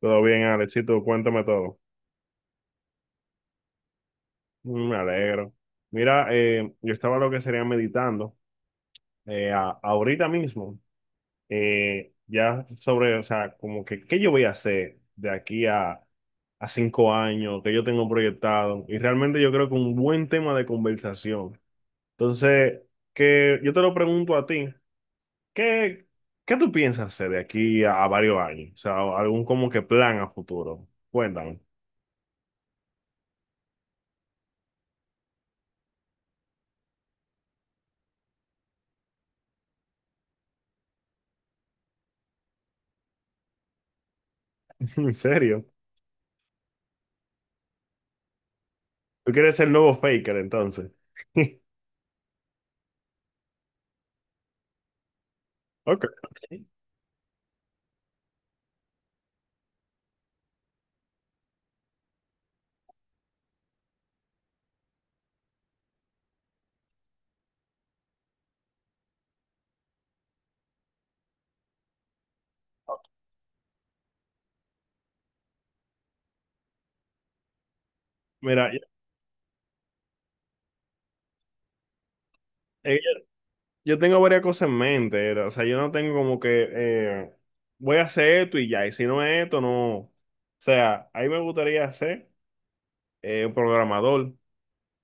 Todo bien, Alexito, cuéntame todo. Mm. Me alegro. Mira, yo estaba lo que sería meditando ahorita mismo, ya sobre, o sea, como que, ¿qué yo voy a hacer de aquí a 5 años que yo tengo proyectado? Y realmente yo creo que un buen tema de conversación. Entonces, que yo te lo pregunto a ti, ¿qué, qué tú piensas hacer de aquí a varios años? O sea, algún como que plan a futuro. Cuéntame. ¿En serio? Tú quieres ser el nuevo Faker, entonces. Ok. Mira, eh, yo tengo varias cosas en mente. O sea, yo no tengo como que voy a hacer esto y ya. Y si no es esto, no. O sea, ahí me gustaría ser un programador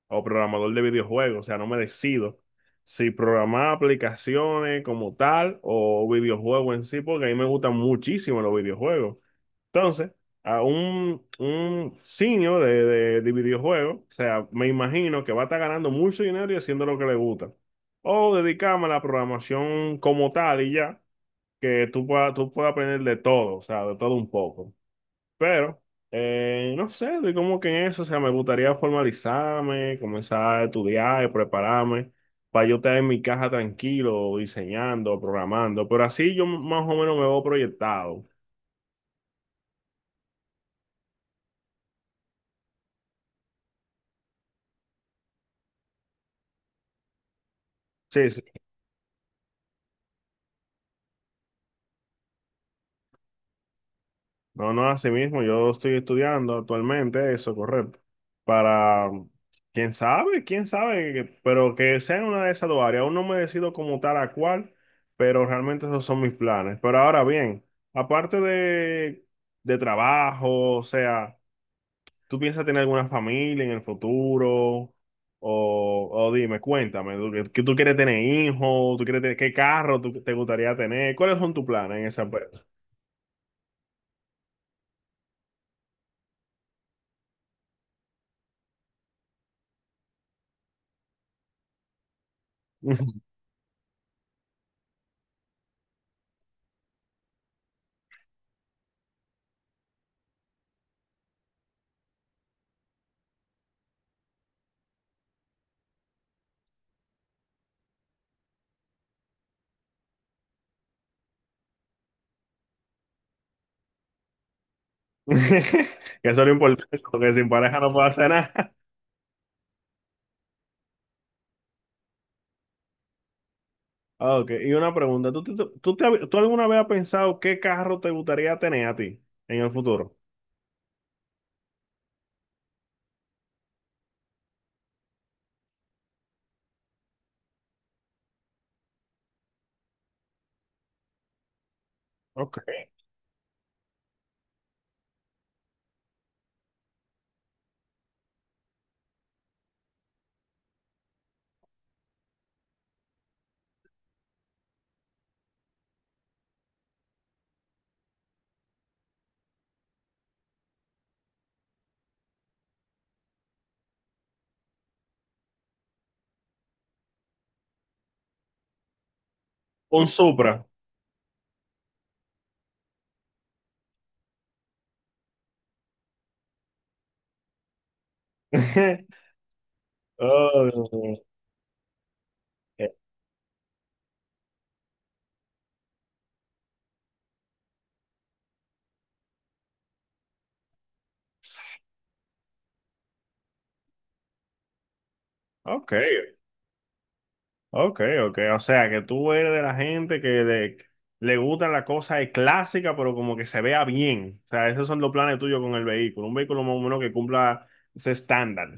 o programador de videojuegos. O sea, no me decido si programar aplicaciones como tal o videojuegos en sí, porque a mí me gustan muchísimo los videojuegos. Entonces, a un senior de videojuegos, o sea, me imagino que va a estar ganando mucho dinero y haciendo lo que le gusta. O dedicarme a la programación como tal y ya, que tú puedas aprender de todo, o sea, de todo un poco. Pero, no sé, estoy como que en eso, o sea, me gustaría formalizarme, comenzar a estudiar y prepararme para yo estar en mi caja tranquilo, diseñando, programando. Pero así yo más o menos me veo proyectado. Sí, sí. No, no, así mismo, yo estoy estudiando actualmente eso, correcto. Para, quién sabe, pero que sea en una de esas dos áreas. Aún no me decido como tal a cuál, pero realmente esos son mis planes. Pero ahora bien, aparte de trabajo, o sea, ¿tú piensas tener alguna familia en el futuro? O dime, cuéntame, ¿tú, que tú quieres tener hijos? ¿Tú quieres tener qué carro te gustaría tener? ¿Cuáles son tus planes en ese aspecto? Que eso es lo importante, porque sin pareja no puedo hacer nada. Ah, Ok, y una pregunta, ¿Tú alguna vez has pensado qué carro te gustaría tener a ti en el futuro? Ok. Un Supra. Oh, eh, ok, ok, ok. O sea, que tú eres de la gente que le gustan las cosas clásicas, pero como que se vea bien. O sea, esos son los planes tuyos con el vehículo. Un vehículo más o menos que cumpla ese estándar.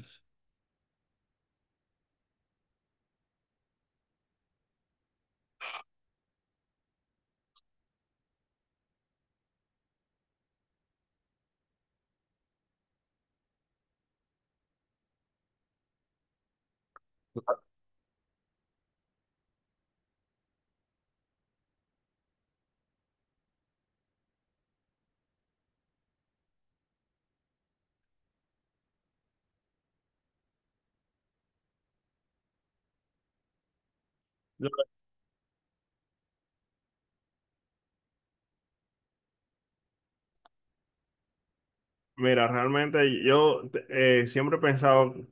Mira, realmente yo siempre he pensado, o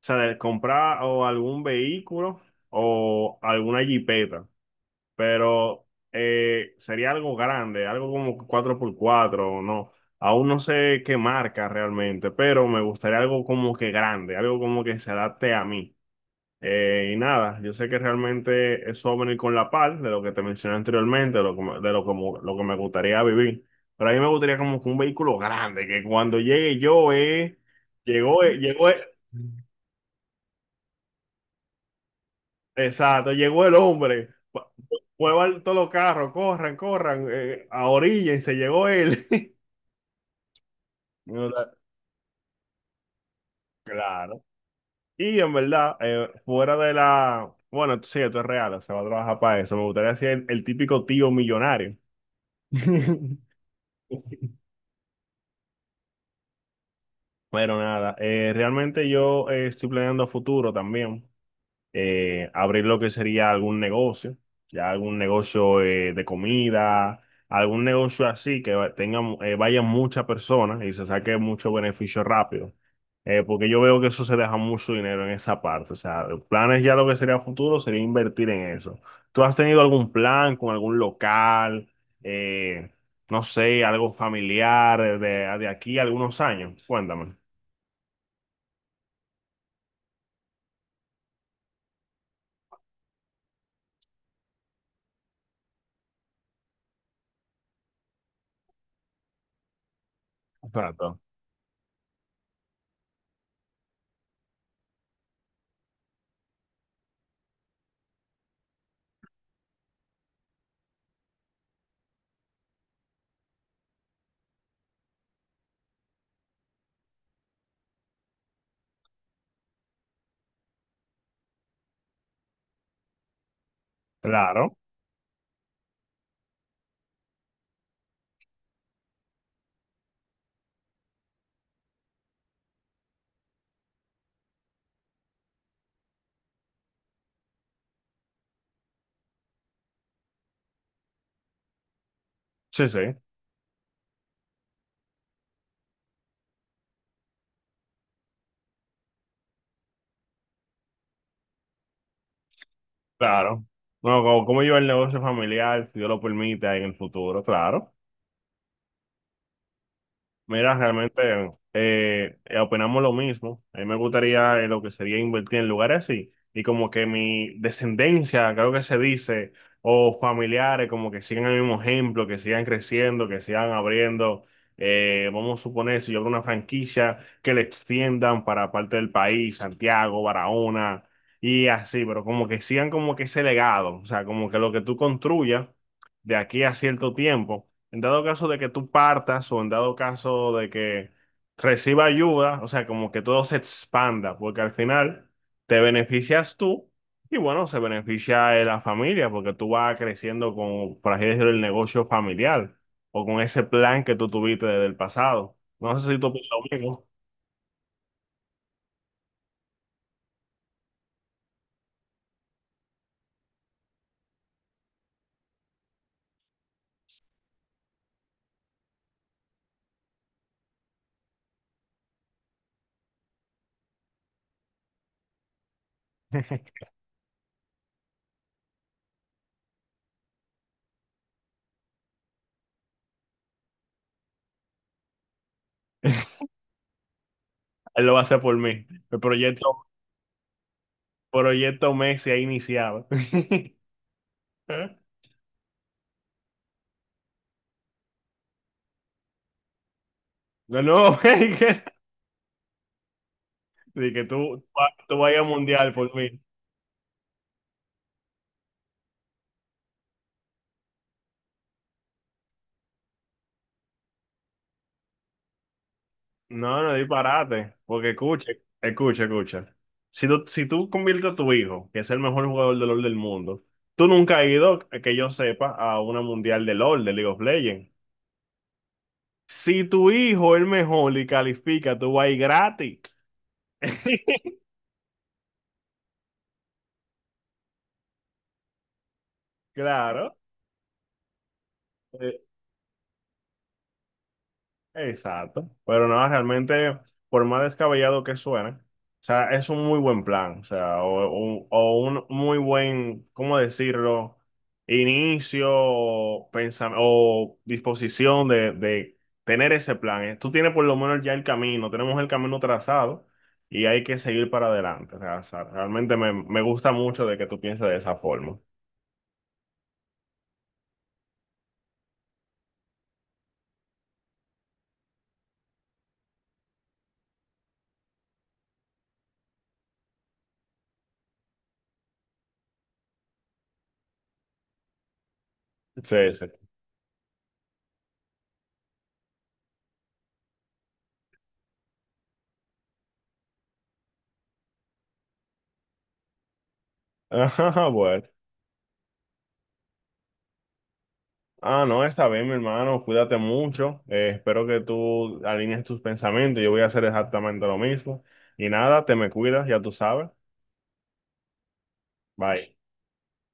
sea, de comprar o algún vehículo o alguna jipeta, pero sería algo grande, algo como 4x4, o no. Aún no sé qué marca realmente, pero me gustaría algo como que grande, algo como que se adapte a mí. Y nada, yo sé que realmente eso va a venir con la par de lo que te mencioné anteriormente, de lo que, de lo, como, lo que me gustaría vivir. Pero a mí me gustaría como que un vehículo grande, que cuando llegue yo, llegó, llegó, exacto, llegó el hombre, muevan todos los carros, corran, corran, a orilla y se llegó él. No. Claro. Y en verdad, fuera de la, bueno, sí, esto es real, se va a trabajar para eso. Me gustaría ser el típico tío millonario. Bueno, nada, realmente yo estoy planeando a futuro también abrir lo que sería algún negocio, ya algún negocio de comida, algún negocio así que tenga, vayan muchas personas y se saque mucho beneficio rápido. Porque yo veo que eso se deja mucho dinero en esa parte, o sea, planes ya lo que sería a futuro sería invertir en eso. ¿Tú has tenido algún plan con algún local, eh, no sé, algo familiar de aquí a algunos años? Cuéntame. Exacto. Claro. Sí, sí, claro. No, como yo el negocio familiar, si Dios lo permite en el futuro, claro. Mira, realmente opinamos lo mismo. A mí me gustaría lo que sería invertir en lugares así. Y como que mi descendencia, creo que se dice, o familiares, como que sigan el mismo ejemplo, que sigan creciendo, que sigan abriendo. Vamos a suponer, si yo abro una franquicia, que le extiendan para parte del país, Santiago, Barahona, y así, pero como que sigan como que ese legado, o sea, como que lo que tú construyas de aquí a cierto tiempo en dado caso de que tú partas o en dado caso de que reciba ayuda, o sea, como que todo se expanda, porque al final te beneficias tú y bueno, se beneficia la familia, porque tú vas creciendo con, por así decirlo, el negocio familiar o con ese plan que tú tuviste desde el pasado. No sé si tú piensas lo mismo. Él lo va a hacer por mí. El proyecto Messi ha iniciado. No, no, de que tú vas a ir al mundial por mí. No, no disparate, porque escucha, escucha. Si tú conviertes a tu hijo, que es el mejor jugador de LoL del mundo, tú nunca has ido, que yo sepa, a una mundial de LoL, de League of Legends. Si tu hijo es el mejor y califica, tú vas a ir gratis. Claro. Exacto, pero no, realmente, por más descabellado que suene, o sea, es un muy buen plan, o sea, o un muy buen, ¿cómo decirlo? Inicio, o disposición de tener ese plan. ¿Eh? Tú tienes por lo menos ya el camino, tenemos el camino trazado y hay que seguir para adelante. O sea, realmente me gusta mucho de que tú pienses de esa forma. Sí, sí. Ajá, bueno. Ah, no, está bien, mi hermano. Cuídate mucho. Espero que tú alinees tus pensamientos. Yo voy a hacer exactamente lo mismo. Y nada, te me cuidas, ya tú sabes. Bye.